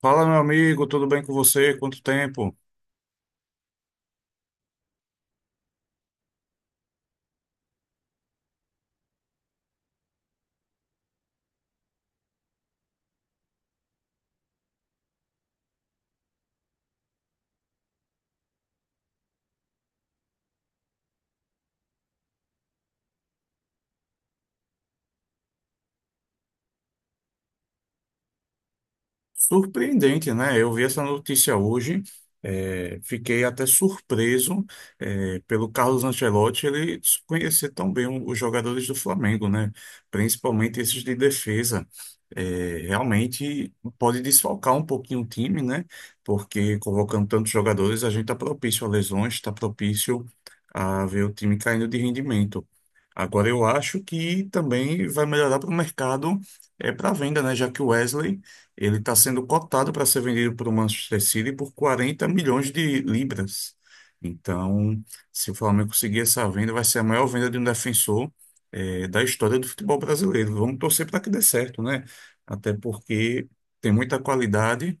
Fala, meu amigo, tudo bem com você? Quanto tempo? Surpreendente, né? Eu vi essa notícia hoje, fiquei até surpreso, pelo Carlos Ancelotti ele conhecer tão bem os jogadores do Flamengo, né? Principalmente esses de defesa. Realmente pode desfalcar um pouquinho o time, né? Porque convocando tantos jogadores, a gente está propício a lesões, está propício a ver o time caindo de rendimento. Agora eu acho que também vai melhorar para o mercado, é para venda, né? Já que o Wesley. Ele está sendo cotado para ser vendido para o Manchester City por 40 milhões de libras. Então, se o Flamengo conseguir essa venda, vai ser a maior venda de um defensor, da história do futebol brasileiro. Vamos torcer para que dê certo, né? Até porque tem muita qualidade.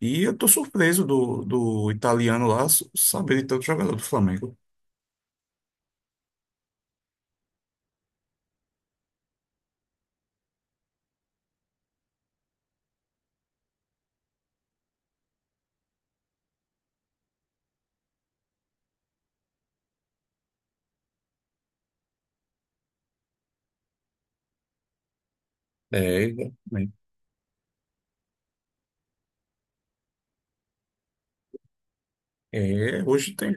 E eu estou surpreso do italiano lá saber de tanto jogador do Flamengo. É, exatamente. é, hoje tem,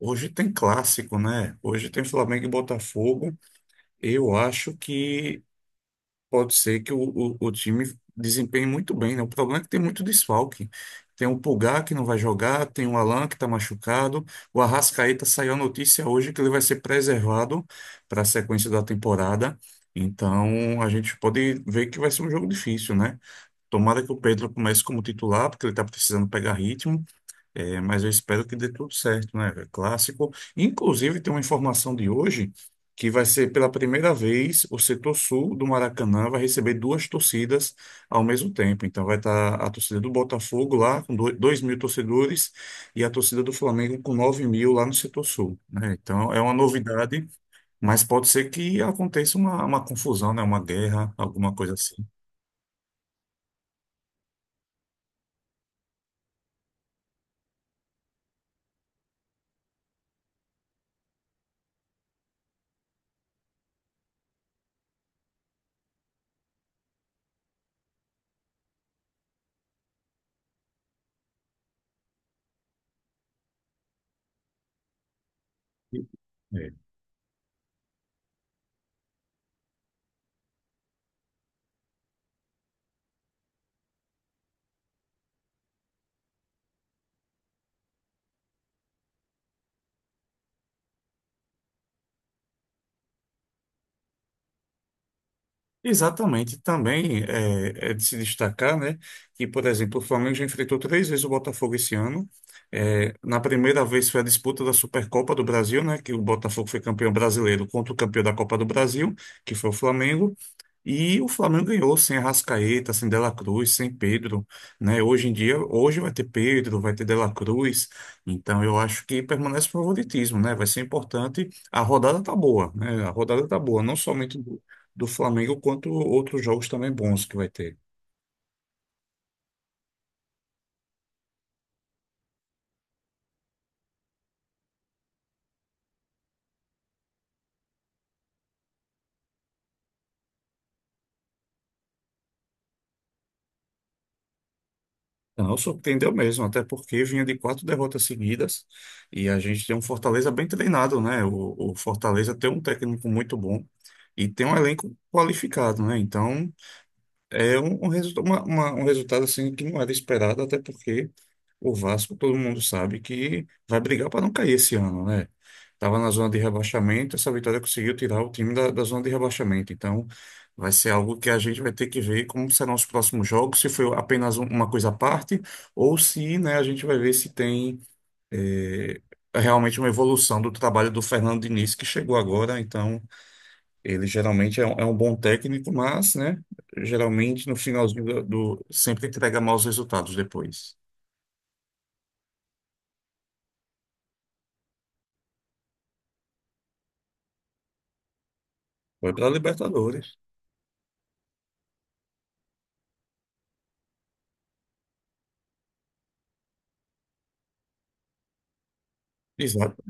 Hoje tem clássico, né? Hoje tem Flamengo e Botafogo. Eu acho que pode ser que o time desempenhe muito bem, né? O problema é que tem muito desfalque. Tem o Pulgar que não vai jogar, tem o Alan que está machucado. O Arrascaeta saiu a notícia hoje que ele vai ser preservado para a sequência da temporada. Então a gente pode ver que vai ser um jogo difícil, né? Tomara que o Pedro comece como titular, porque ele está precisando pegar ritmo. É, mas eu espero que dê tudo certo, né, velho? Clássico. Inclusive, tem uma informação de hoje que vai ser pela primeira vez o setor sul do Maracanã vai receber duas torcidas ao mesmo tempo. Então, vai estar a torcida do Botafogo lá com 2 mil torcedores e a torcida do Flamengo com 9 mil lá no setor sul, né? Então, é uma novidade, mas pode ser que aconteça uma confusão, né? Uma guerra, alguma coisa assim. É. Exatamente, também é de se destacar, né, que, por exemplo, o Flamengo já enfrentou três vezes o Botafogo esse ano. É, na primeira vez foi a disputa da Supercopa do Brasil, né, que o Botafogo foi campeão brasileiro contra o campeão da Copa do Brasil, que foi o Flamengo. E o Flamengo ganhou sem Arrascaeta, sem Dela Cruz, sem Pedro, né? Hoje em dia, hoje vai ter Pedro, vai ter Dela Cruz, então eu acho que permanece o favoritismo, né? Vai ser importante. A rodada tá boa, né? A rodada tá boa, não somente do Flamengo, quanto outros jogos também bons que vai ter. Não, surpreendeu mesmo, até porque vinha de quatro derrotas seguidas e a gente tem um Fortaleza bem treinado, né? O Fortaleza tem um técnico muito bom e tem um elenco qualificado, né? Então. É um resultado assim que não era esperado, até porque o Vasco, todo mundo sabe que vai brigar para não cair esse ano, né? Estava na zona de rebaixamento, essa vitória conseguiu tirar o time da zona de rebaixamento. Então, vai ser algo que a gente vai ter que ver como serão os próximos jogos, se foi apenas uma coisa à parte, ou se, né, a gente vai ver se tem, eh, realmente uma evolução do trabalho do Fernando Diniz, que chegou agora. Então. Ele geralmente é um bom técnico, mas, né, geralmente no finalzinho sempre entrega maus resultados depois. Foi para Libertadores. Exato.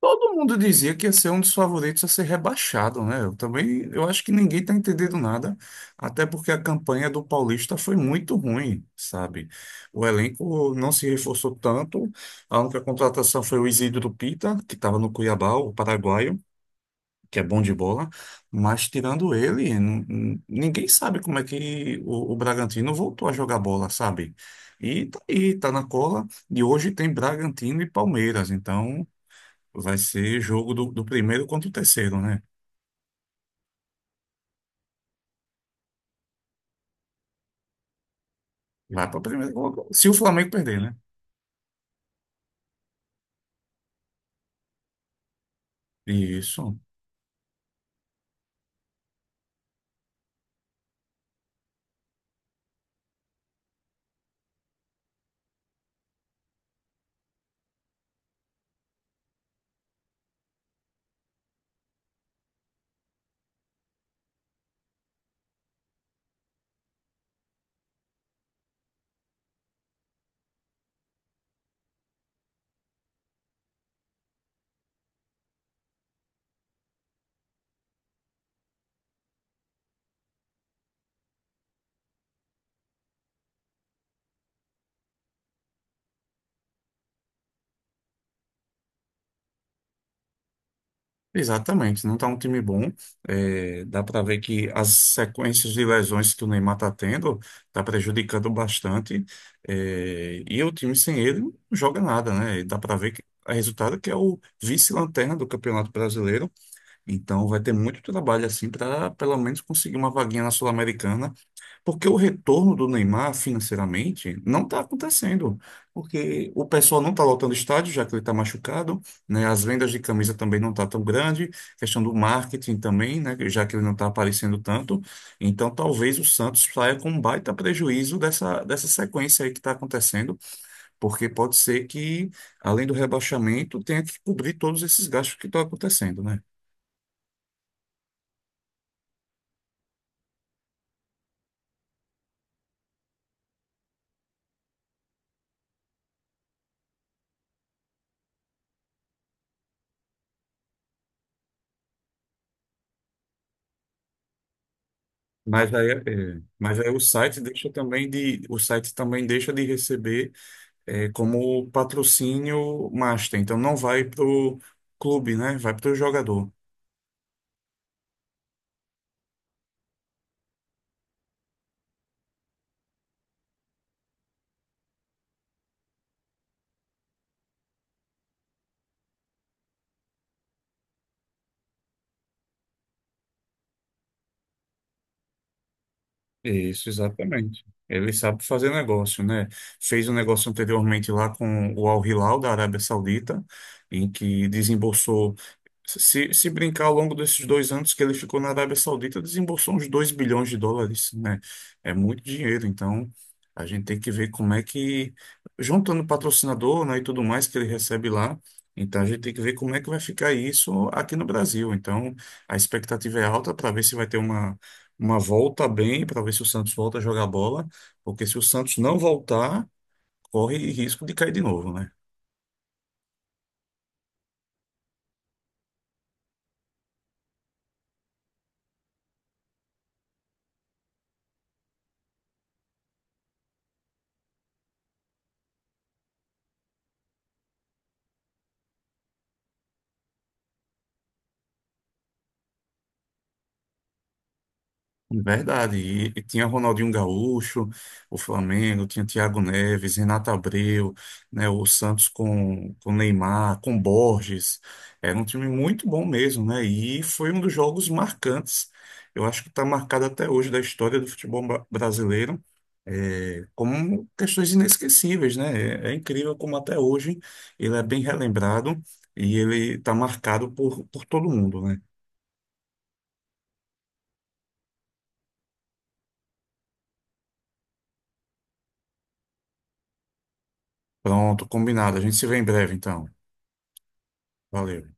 Todo mundo dizia que ia ser um dos favoritos a ser rebaixado, né? Eu também, eu acho que ninguém está entendendo nada, até porque a campanha do Paulista foi muito ruim, sabe? O elenco não se reforçou tanto. A única contratação foi o Isidro Pita, que estava no Cuiabá, o paraguaio. Que é bom de bola, mas tirando ele, ninguém sabe como é que o Bragantino voltou a jogar bola, sabe? E tá aí, tá na cola, e hoje tem Bragantino e Palmeiras, então vai ser jogo do primeiro contra o terceiro, né? Vai para primeiro, se o Flamengo perder, né? Isso. Exatamente, não está um time bom. É, dá para ver que as sequências de lesões que o Neymar está tendo está prejudicando bastante. É, e o time sem ele não joga nada, né? E dá para ver que o resultado que é o vice-lanterna do Campeonato Brasileiro. Então vai ter muito trabalho assim para pelo menos conseguir uma vaguinha na Sul-Americana porque o retorno do Neymar financeiramente não está acontecendo. Porque o pessoal não está lotando estádio, já que ele está machucado, né? As vendas de camisa também não tá tão grande, questão do marketing também, né? Já que ele não está aparecendo tanto. Então talvez o Santos saia com um baita prejuízo dessa sequência aí que está acontecendo, porque pode ser que, além do rebaixamento, tenha que cobrir todos esses gastos que estão acontecendo, né? Mas aí, é, mas aí o site deixa também de, o site também deixa de receber, como patrocínio master. Então não vai para o clube, né? Vai para o jogador. Isso, exatamente. Ele sabe fazer negócio, né? Fez um negócio anteriormente lá com o Al Hilal da Arábia Saudita, em que desembolsou, se brincar ao longo desses 2 anos que ele ficou na Arábia Saudita, desembolsou uns US$ 2 bilhões, né? É muito dinheiro, então a gente tem que ver como é que, juntando patrocinador, né, e tudo mais que ele recebe lá, então a gente tem que ver como é que vai ficar isso aqui no Brasil. Então a expectativa é alta para ver se vai ter uma volta bem para ver se o Santos volta a jogar bola, porque se o Santos não voltar, corre risco de cair de novo, né? Verdade. E tinha Ronaldinho Gaúcho, o Flamengo, tinha Thiago Neves, Renato Abreu, né? O Santos com Neymar, com Borges. Era um time muito bom mesmo, né? E foi um dos jogos marcantes. Eu acho que está marcado até hoje da história do futebol brasileiro como questões inesquecíveis, né? É, é incrível como até hoje ele é bem relembrado e ele está marcado por todo mundo, né? Pronto, combinado. A gente se vê em breve, então. Valeu.